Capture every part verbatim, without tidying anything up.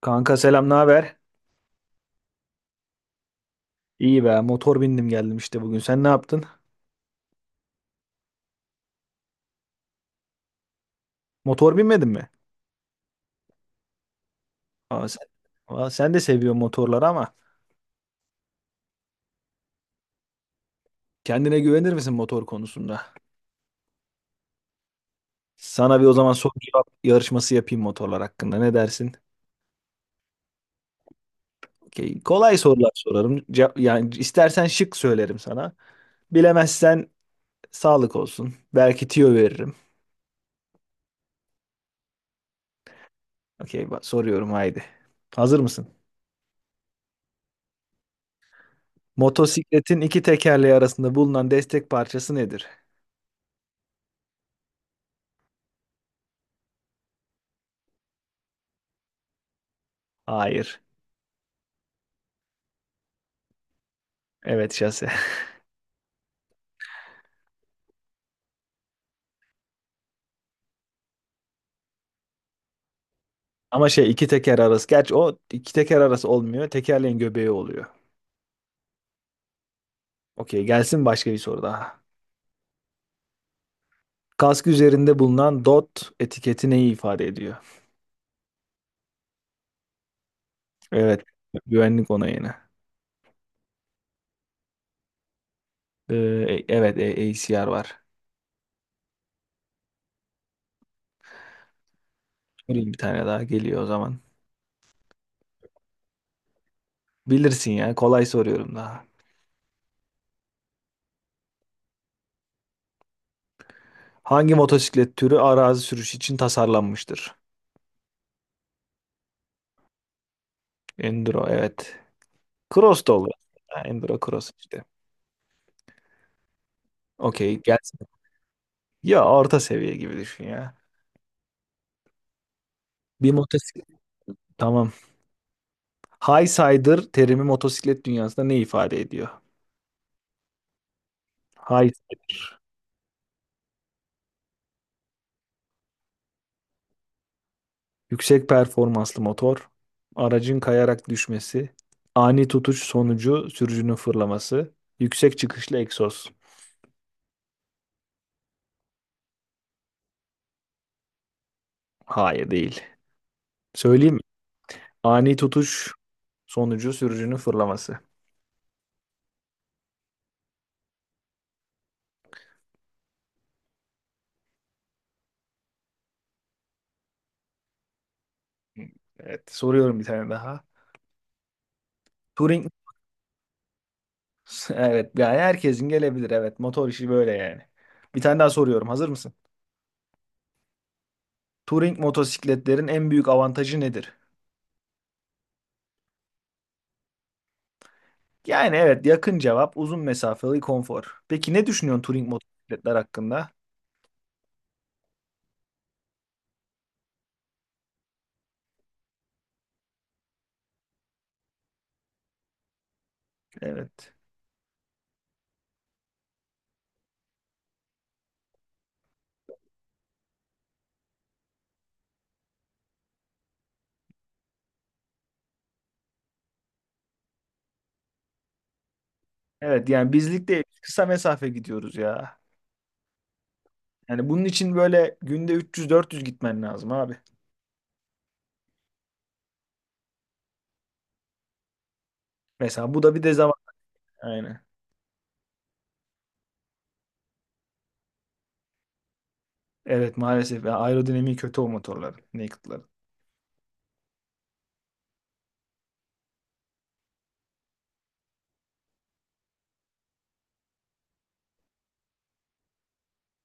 Kanka selam, ne haber? İyi be, motor bindim geldim işte bugün. Sen ne yaptın? Motor binmedin mi? Aa, sen, aa, sen de seviyorsun motorları ama kendine güvenir misin motor konusunda? Sana bir o zaman soru cevap yarışması yapayım motorlar hakkında. Ne dersin? Okey. Kolay sorular sorarım. Ce- yani istersen şık söylerim sana. Bilemezsen sağlık olsun. Belki tüyo veririm. Okey, ba- soruyorum haydi. Hazır mısın? Motosikletin iki tekerleği arasında bulunan destek parçası nedir? Hayır. Evet şase. Ama şey iki teker arası. Gerçi o iki teker arası olmuyor. Tekerleğin göbeği oluyor. Okey gelsin başka bir soru daha. Kask üzerinde bulunan D O T etiketi neyi ifade ediyor? Evet. Güvenlik onayını. Ee, e- evet e- A C R var. Sorayım bir tane daha geliyor o zaman. Bilirsin ya kolay soruyorum daha. Hangi motosiklet türü arazi sürüşü için tasarlanmıştır? Enduro evet. Cross da olur. Ha, Enduro cross işte. Okey gelsin. Ya orta seviye gibi düşün ya. Bir motosiklet. Tamam, High Sider terimi motosiklet dünyasında ne ifade ediyor? High Sider. Yüksek performanslı motor, aracın kayarak düşmesi, ani tutuş sonucu sürücünün fırlaması, yüksek çıkışlı egzoz. Hayır değil. Söyleyeyim mi? Ani tutuş sonucu sürücünün fırlaması. Evet, soruyorum bir tane daha. Turing, evet yani herkesin gelebilir, evet, motor işi böyle yani. Bir tane daha soruyorum, hazır mısın? Turing motosikletlerin en büyük avantajı nedir? Yani evet, yakın cevap, uzun mesafeli konfor. Peki ne düşünüyorsun touring motosikletler hakkında? Evet. Evet yani bizlik değil, kısa mesafe gidiyoruz ya. Yani bunun için böyle günde üç yüz dört yüz gitmen lazım abi. Mesela bu da bir dezavantaj. Aynen. Evet maalesef ya, aerodinamiği kötü o motorların, naked'ların.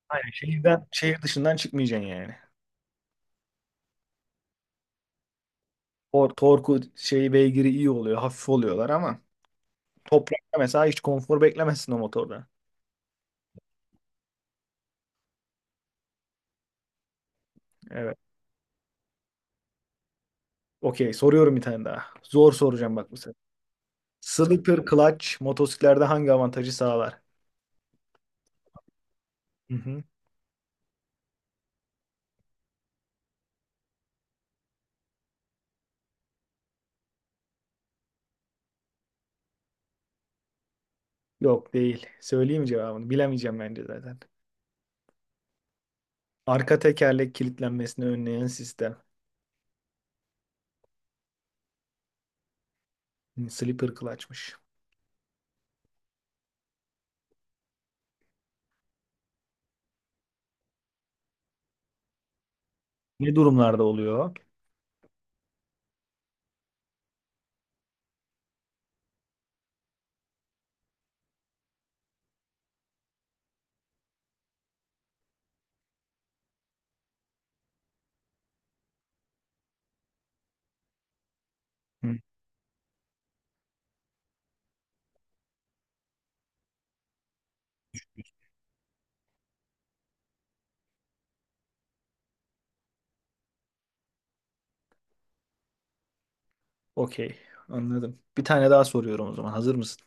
Aynen, şehirden, şehir dışından çıkmayacaksın yani. Tor, torku şey, beygiri iyi oluyor, hafif oluyorlar ama toprakta mesela hiç konfor beklemezsin o motorda. Evet. Okey, soruyorum bir tane daha. Zor soracağım bak bu sefer. Slipper clutch motosiklerde hangi avantajı sağlar? Hı hı. Yok değil. Söyleyeyim cevabını? Bilemeyeceğim bence zaten. Arka tekerlek kilitlenmesini önleyen sistem. Hı, Slipper clutch'mış. Ne durumlarda oluyor? Hı, okey. Anladım. Bir tane daha soruyorum o zaman. Hazır mısın?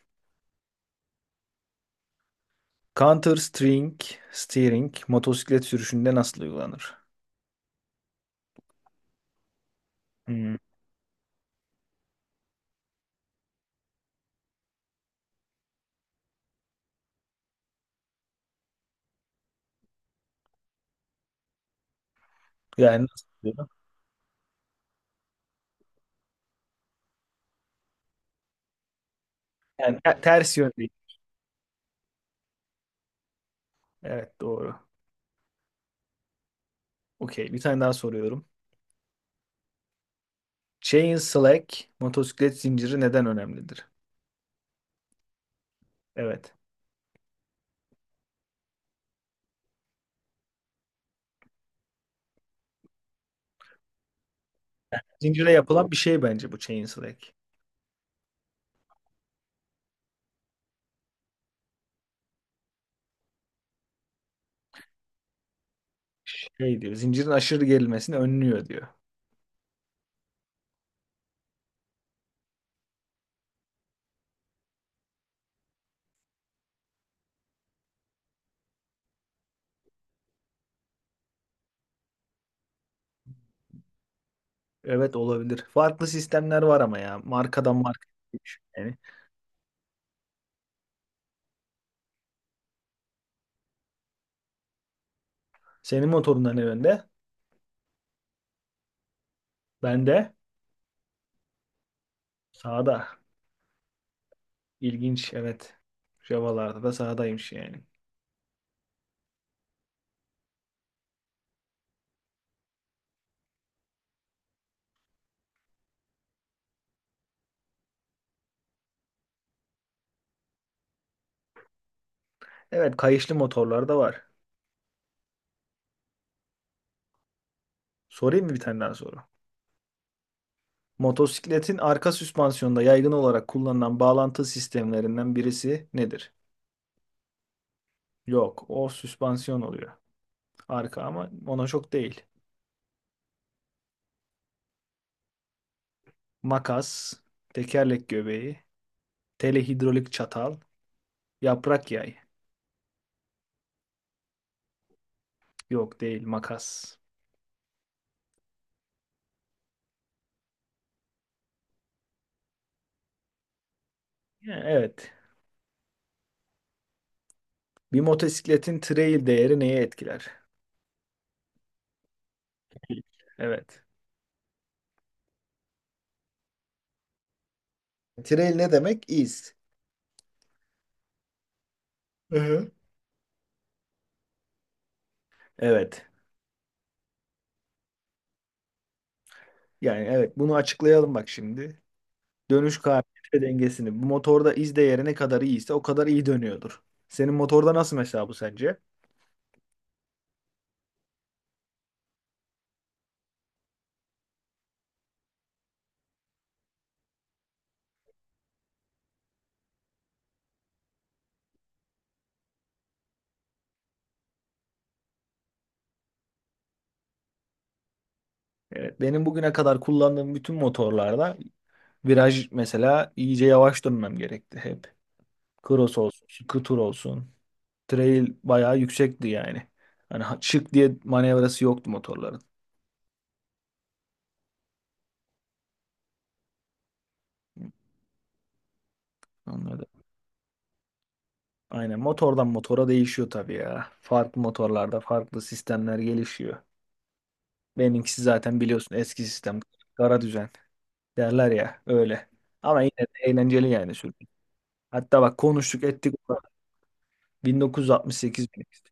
Counter string steering motosiklet sürüşünde nasıl uygulanır? Hı. Yani nasıl oluyor? Yani te- ters yönde. Evet doğru. Okey. Bir tane daha soruyorum. Chain slack motosiklet zinciri neden önemlidir? Evet. Zincire yapılan bir şey bence bu Chainslake. Şey diyor, zincirin aşırı gerilmesini önlüyor diyor. Evet olabilir. Farklı sistemler var ama ya. Markadan markaya değişiyor. Yani senin motorundan ne önde? Ben de sağda. İlginç evet. Java'larda da sağdaymış yani. Evet, kayışlı motorlar da var. Sorayım mı bir tane daha soru? Motosikletin arka süspansiyonda yaygın olarak kullanılan bağlantı sistemlerinden birisi nedir? Yok, o süspansiyon oluyor. Arka ama ona çok değil. Makas, tekerlek göbeği, telehidrolik çatal, yaprak yay. Yok değil, makas. Yani evet. Bir motosikletin trail değeri neye etkiler? Evet. Trail ne demek? İz. Hı-hı. Evet. Yani evet, bunu açıklayalım bak şimdi. Dönüş kabiliyeti ve dengesini. Bu motorda iz değeri ne kadar iyiyse o kadar iyi dönüyordur. Senin motorda nasıl mesela, bu sence? Evet. Benim bugüne kadar kullandığım bütün motorlarda viraj mesela iyice yavaş dönmem gerekti hep. Cross olsun, Şıkı olsun. Trail bayağı yüksekti yani. Hani ha- şık diye manevrası yoktu motorların. Anladım. Aynen, motordan motora değişiyor tabii ya. Farklı motorlarda farklı sistemler gelişiyor. Benimkisi zaten biliyorsun eski sistem. Kara düzen derler ya, öyle. Ama yine de eğlenceli yani sürmek. Hatta bak konuştuk ettik. bin dokuz yüz altmış sekiz benimkisi.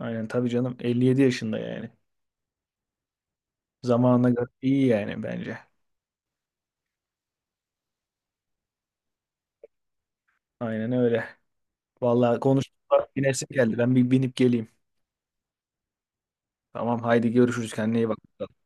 Aynen tabii canım, elli yedi yaşında yani. Zamanına göre iyi yani bence. Aynen öyle. Vallahi konuştuk. Binesim geldi. Ben bir binip geleyim. Tamam haydi görüşürüz. Kendine iyi bak.